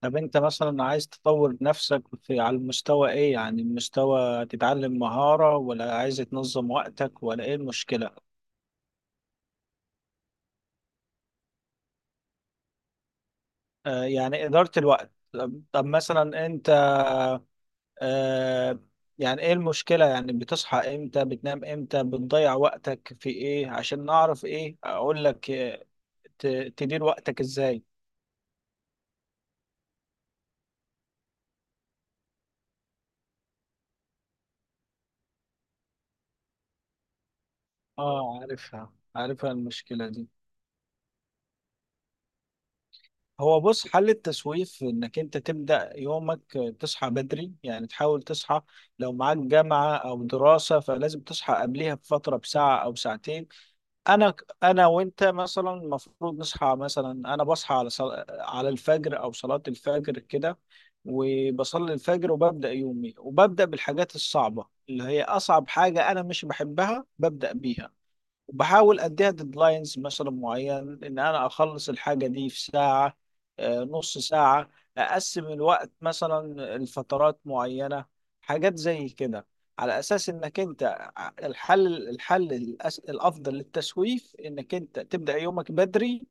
طب انت مثلا عايز تطور نفسك على المستوى ايه؟ يعني المستوى تتعلم مهارة، ولا عايز تنظم وقتك، ولا ايه المشكلة؟ آه، يعني إدارة الوقت. طب مثلا انت آه. يعني ايه المشكلة؟ يعني بتصحى امتى، بتنام امتى، بتضيع وقتك في ايه، عشان نعرف ايه اقول لك. تدير وقتك ازاي؟ اه، عارفها عارفها المشكلة دي. هو بص، حل التسويف انك انت تبدأ يومك، تصحى بدري يعني تحاول تصحى. لو معاك جامعة او دراسة فلازم تصحى قبلها بفترة، بساعة او ساعتين. انا انا وانت مثلا المفروض نصحى، مثلا انا بصحى على على الفجر او صلاة الفجر كده، وبصلي الفجر وببدأ يومي وببدأ بالحاجات الصعبة، اللي هي اصعب حاجة انا مش بحبها ببدأ بيها. وبحاول اديها ديدلاينز مثلا معين، ان انا اخلص الحاجه دي في ساعه، نص ساعه، اقسم الوقت مثلا لفترات معينه، حاجات زي كده، على اساس انك انت الحل الافضل للتسويف انك انت تبدا يومك بدري،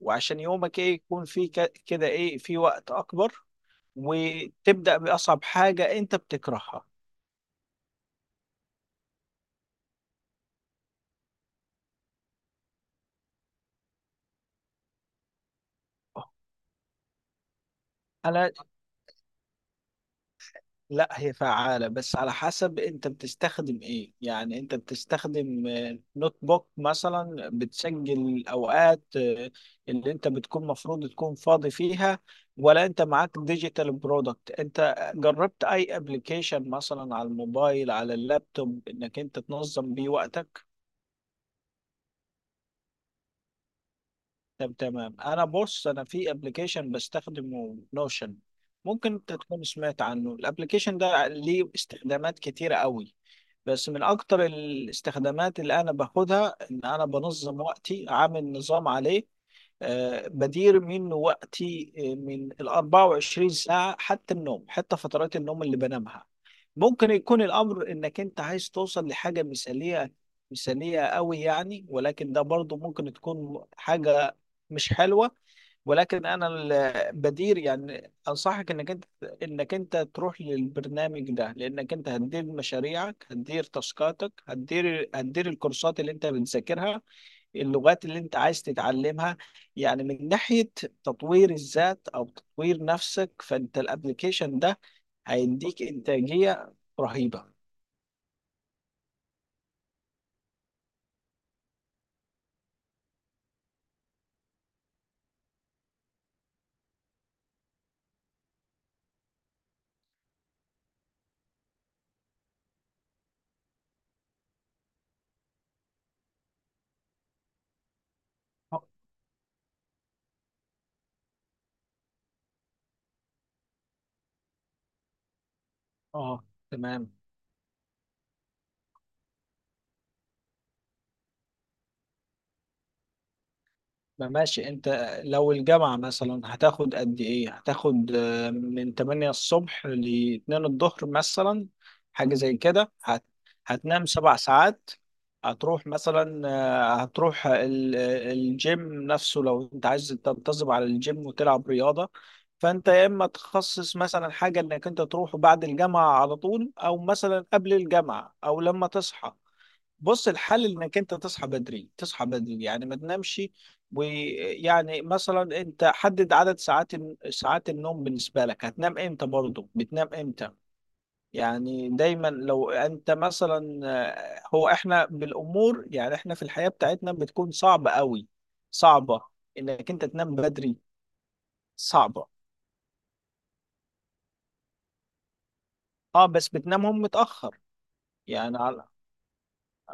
وعشان يومك ايه يكون فيه كده ايه في وقت اكبر، وتبدا باصعب حاجه انت بتكرهها. انا لا، هي فعالة بس على حسب انت بتستخدم ايه. يعني انت بتستخدم نوت بوك مثلا بتسجل الاوقات اللي انت بتكون مفروض تكون فاضي فيها، ولا انت معاك ديجيتال برودكت؟ انت جربت اي ابلكيشن مثلا على الموبايل، على اللابتوب، انك انت تنظم بيه وقتك؟ طب تمام. انا بص، انا في ابلكيشن بستخدمه، نوشن. ممكن انت تكون سمعت عنه. الابلكيشن ده ليه استخدامات كتيرة قوي، بس من اكتر الاستخدامات اللي انا باخدها ان انا بنظم وقتي، عامل نظام عليه. بدير من وقتي، من ال 24 ساعة حتى النوم، حتى فترات النوم اللي بنامها. ممكن يكون الأمر إنك أنت عايز توصل لحاجة مثالية، مثالية قوي يعني، ولكن ده برضو ممكن تكون حاجة مش حلوة. ولكن أنا بدير، يعني أنصحك إنك أنت تروح للبرنامج ده، لأنك أنت هتدير مشاريعك، هتدير تاسكاتك، هتدير الكورسات اللي أنت بتذاكرها، اللغات اللي انت عايز تتعلمها، يعني من ناحية تطوير الذات أو تطوير نفسك. فأنت الابليكيشن ده هيديك إنتاجية رهيبة. اه، آه، تمام. ما ماشي انت، لو الجامعة مثلا هتاخد قد ايه، هتاخد من 8 الصبح ل 2 الظهر مثلا، حاجة زي كده. هتنام 7 ساعات، هتروح مثلا، الجيم نفسه، لو انت عايز تنتظم على الجيم وتلعب رياضة، فانت يا اما تخصص مثلا حاجة انك انت تروح بعد الجامعة على طول، او مثلا قبل الجامعة، او لما تصحى. بص، الحل انك انت تصحى بدري، تصحى بدري يعني ما تنامش. ويعني مثلا انت حدد عدد ساعات، ساعات النوم بالنسبه لك، هتنام امتى، برضه بتنام امتى. يعني دايما لو انت مثلا، هو احنا بالامور، يعني احنا في الحياه بتاعتنا بتكون صعبه قوي، صعبه انك انت تنام بدري. صعبه، اه، بس بتنامهم متاخر. يعني على،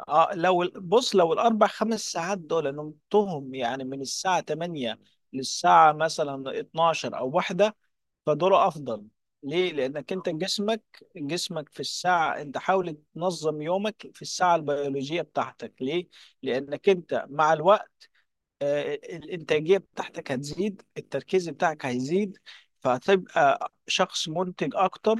اه، لو بص، لو الاربع خمس ساعات دول نمتهم يعني من الساعه 8 للساعه مثلا 12 او واحده، فدول افضل. ليه؟ لانك انت جسمك، جسمك في الساعه، انت حاول تنظم يومك في الساعه البيولوجيه بتاعتك. ليه؟ لانك انت مع الوقت الإنتاجية بتاعتك هتزيد، التركيز بتاعك هيزيد، فهتبقى شخص منتج أكتر،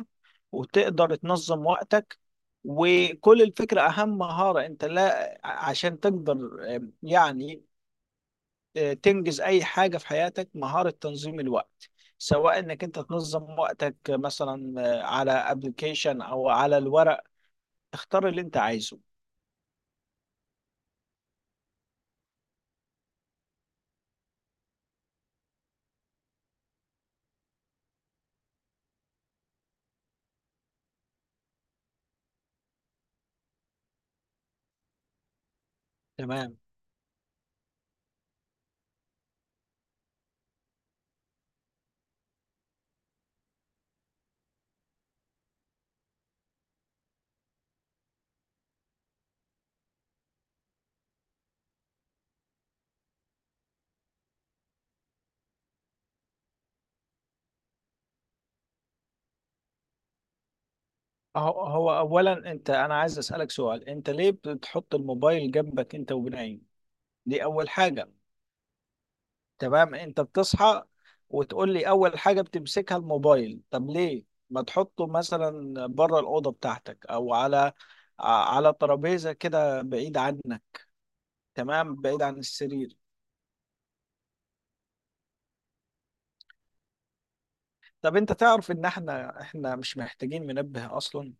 وتقدر تنظم وقتك. وكل الفكرة، أهم مهارة أنت لا عشان تقدر، تنجز أي حاجة في حياتك، مهارة تنظيم الوقت، سواء انك انت تنظم وقتك مثلا على ابلكيشن او على الورق، اختار اللي انت عايزه. تمام. هو اولا انت، انا عايز اسالك سؤال، انت ليه بتحط الموبايل جنبك انت وبنايم؟ دي اول حاجه. تمام، انت بتصحى وتقول لي اول حاجه بتمسكها الموبايل، طب ليه ما تحطه مثلا بره الاوضه بتاعتك، او على ترابيزه كده بعيد عنك؟ تمام، بعيد عن السرير. طب انت تعرف ان احنا مش محتاجين منبه اصلا؟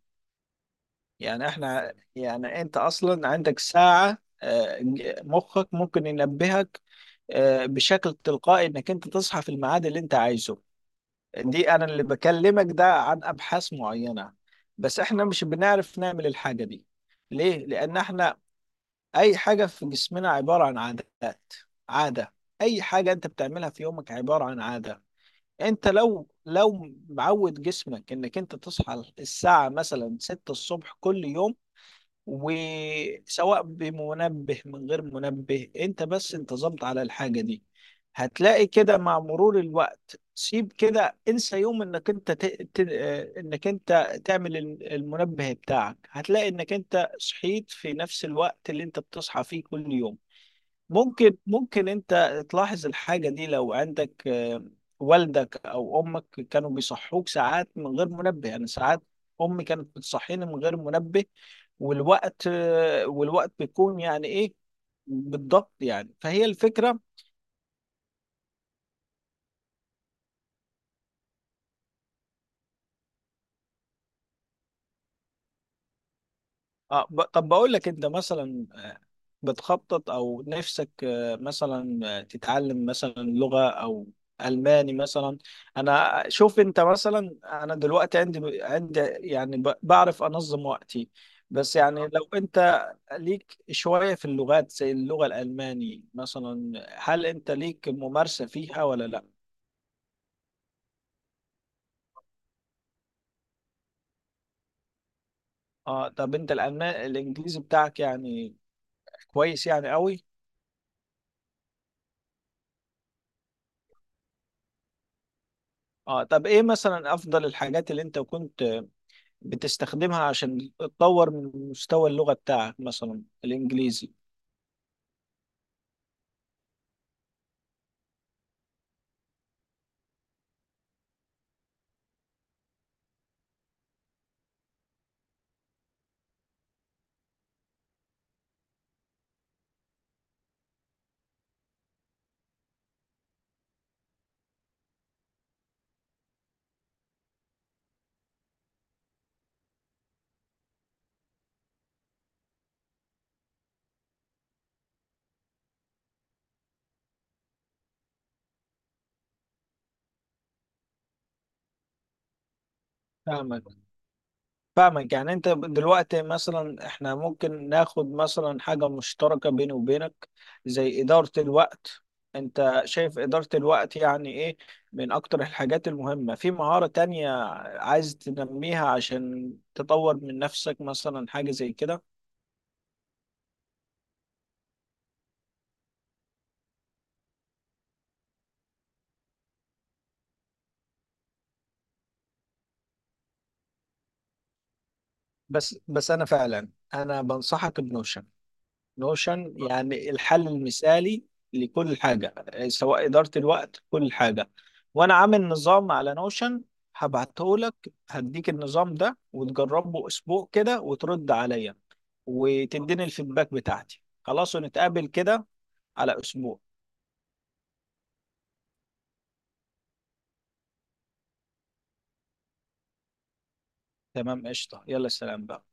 يعني احنا، يعني انت اصلا عندك ساعه، آه، مخك ممكن ينبهك بشكل تلقائي انك انت تصحى في الميعاد اللي انت عايزه. دي انا اللي بكلمك ده عن ابحاث معينة. بس احنا مش بنعرف نعمل الحاجة دي. ليه؟ لان احنا اي حاجة في جسمنا عبارة عن عادات، عادة، اي حاجة انت بتعملها في يومك عبارة عن عادة. انت لو معود جسمك انك انت تصحى الساعة مثلا 6 الصبح كل يوم، وسواء بمنبه من غير منبه، انت بس انتظمت على الحاجة دي، هتلاقي كده مع مرور الوقت، سيب كده، انسى يوم انك انت ت... ت... آه، انك انت تعمل المنبه بتاعك، هتلاقي انك انت صحيت في نفس الوقت اللي انت بتصحى فيه كل يوم. ممكن انت تلاحظ الحاجة دي لو عندك، والدك او امك كانوا بيصحوك ساعات من غير منبه، يعني ساعات. امي كانت بتصحيني من غير منبه، والوقت بيكون يعني ايه بالضبط يعني، فهي الفكرة. اه، طب بقول لك، انت مثلا بتخطط او نفسك مثلا تتعلم مثلا لغة، او الماني مثلا؟ انا شوف انت مثلا، انا دلوقتي عندي يعني بعرف انظم وقتي، بس يعني لو انت ليك شوية في اللغات زي اللغة الالماني مثلا، هل انت ليك ممارسة فيها ولا لا؟ اه، طب انت الالماني، الانجليزي بتاعك يعني كويس يعني قوي؟ اه، طب ايه مثلا افضل الحاجات اللي انت كنت بتستخدمها عشان تطور من مستوى اللغة بتاعك، مثلا الإنجليزي؟ فاهمك، فاهمك، يعني أنت دلوقتي مثلا، إحنا ممكن ناخد مثلا حاجة مشتركة بيني وبينك زي إدارة الوقت. أنت شايف إدارة الوقت يعني إيه، من أكتر الحاجات المهمة، في مهارة تانية عايز تنميها عشان تطور من نفسك، مثلا حاجة زي كده؟ بس بس، أنا فعلا بنصحك بنوشن. نوشن يعني الحل المثالي لكل حاجة، سواء إدارة الوقت، كل حاجة. وأنا عامل نظام على نوشن، هبعته لك، هديك النظام ده وتجربه أسبوع كده وترد عليا، وتديني الفيدباك بتاعتي، خلاص، ونتقابل كده على أسبوع. تمام، قشطة، يلا سلام بقى.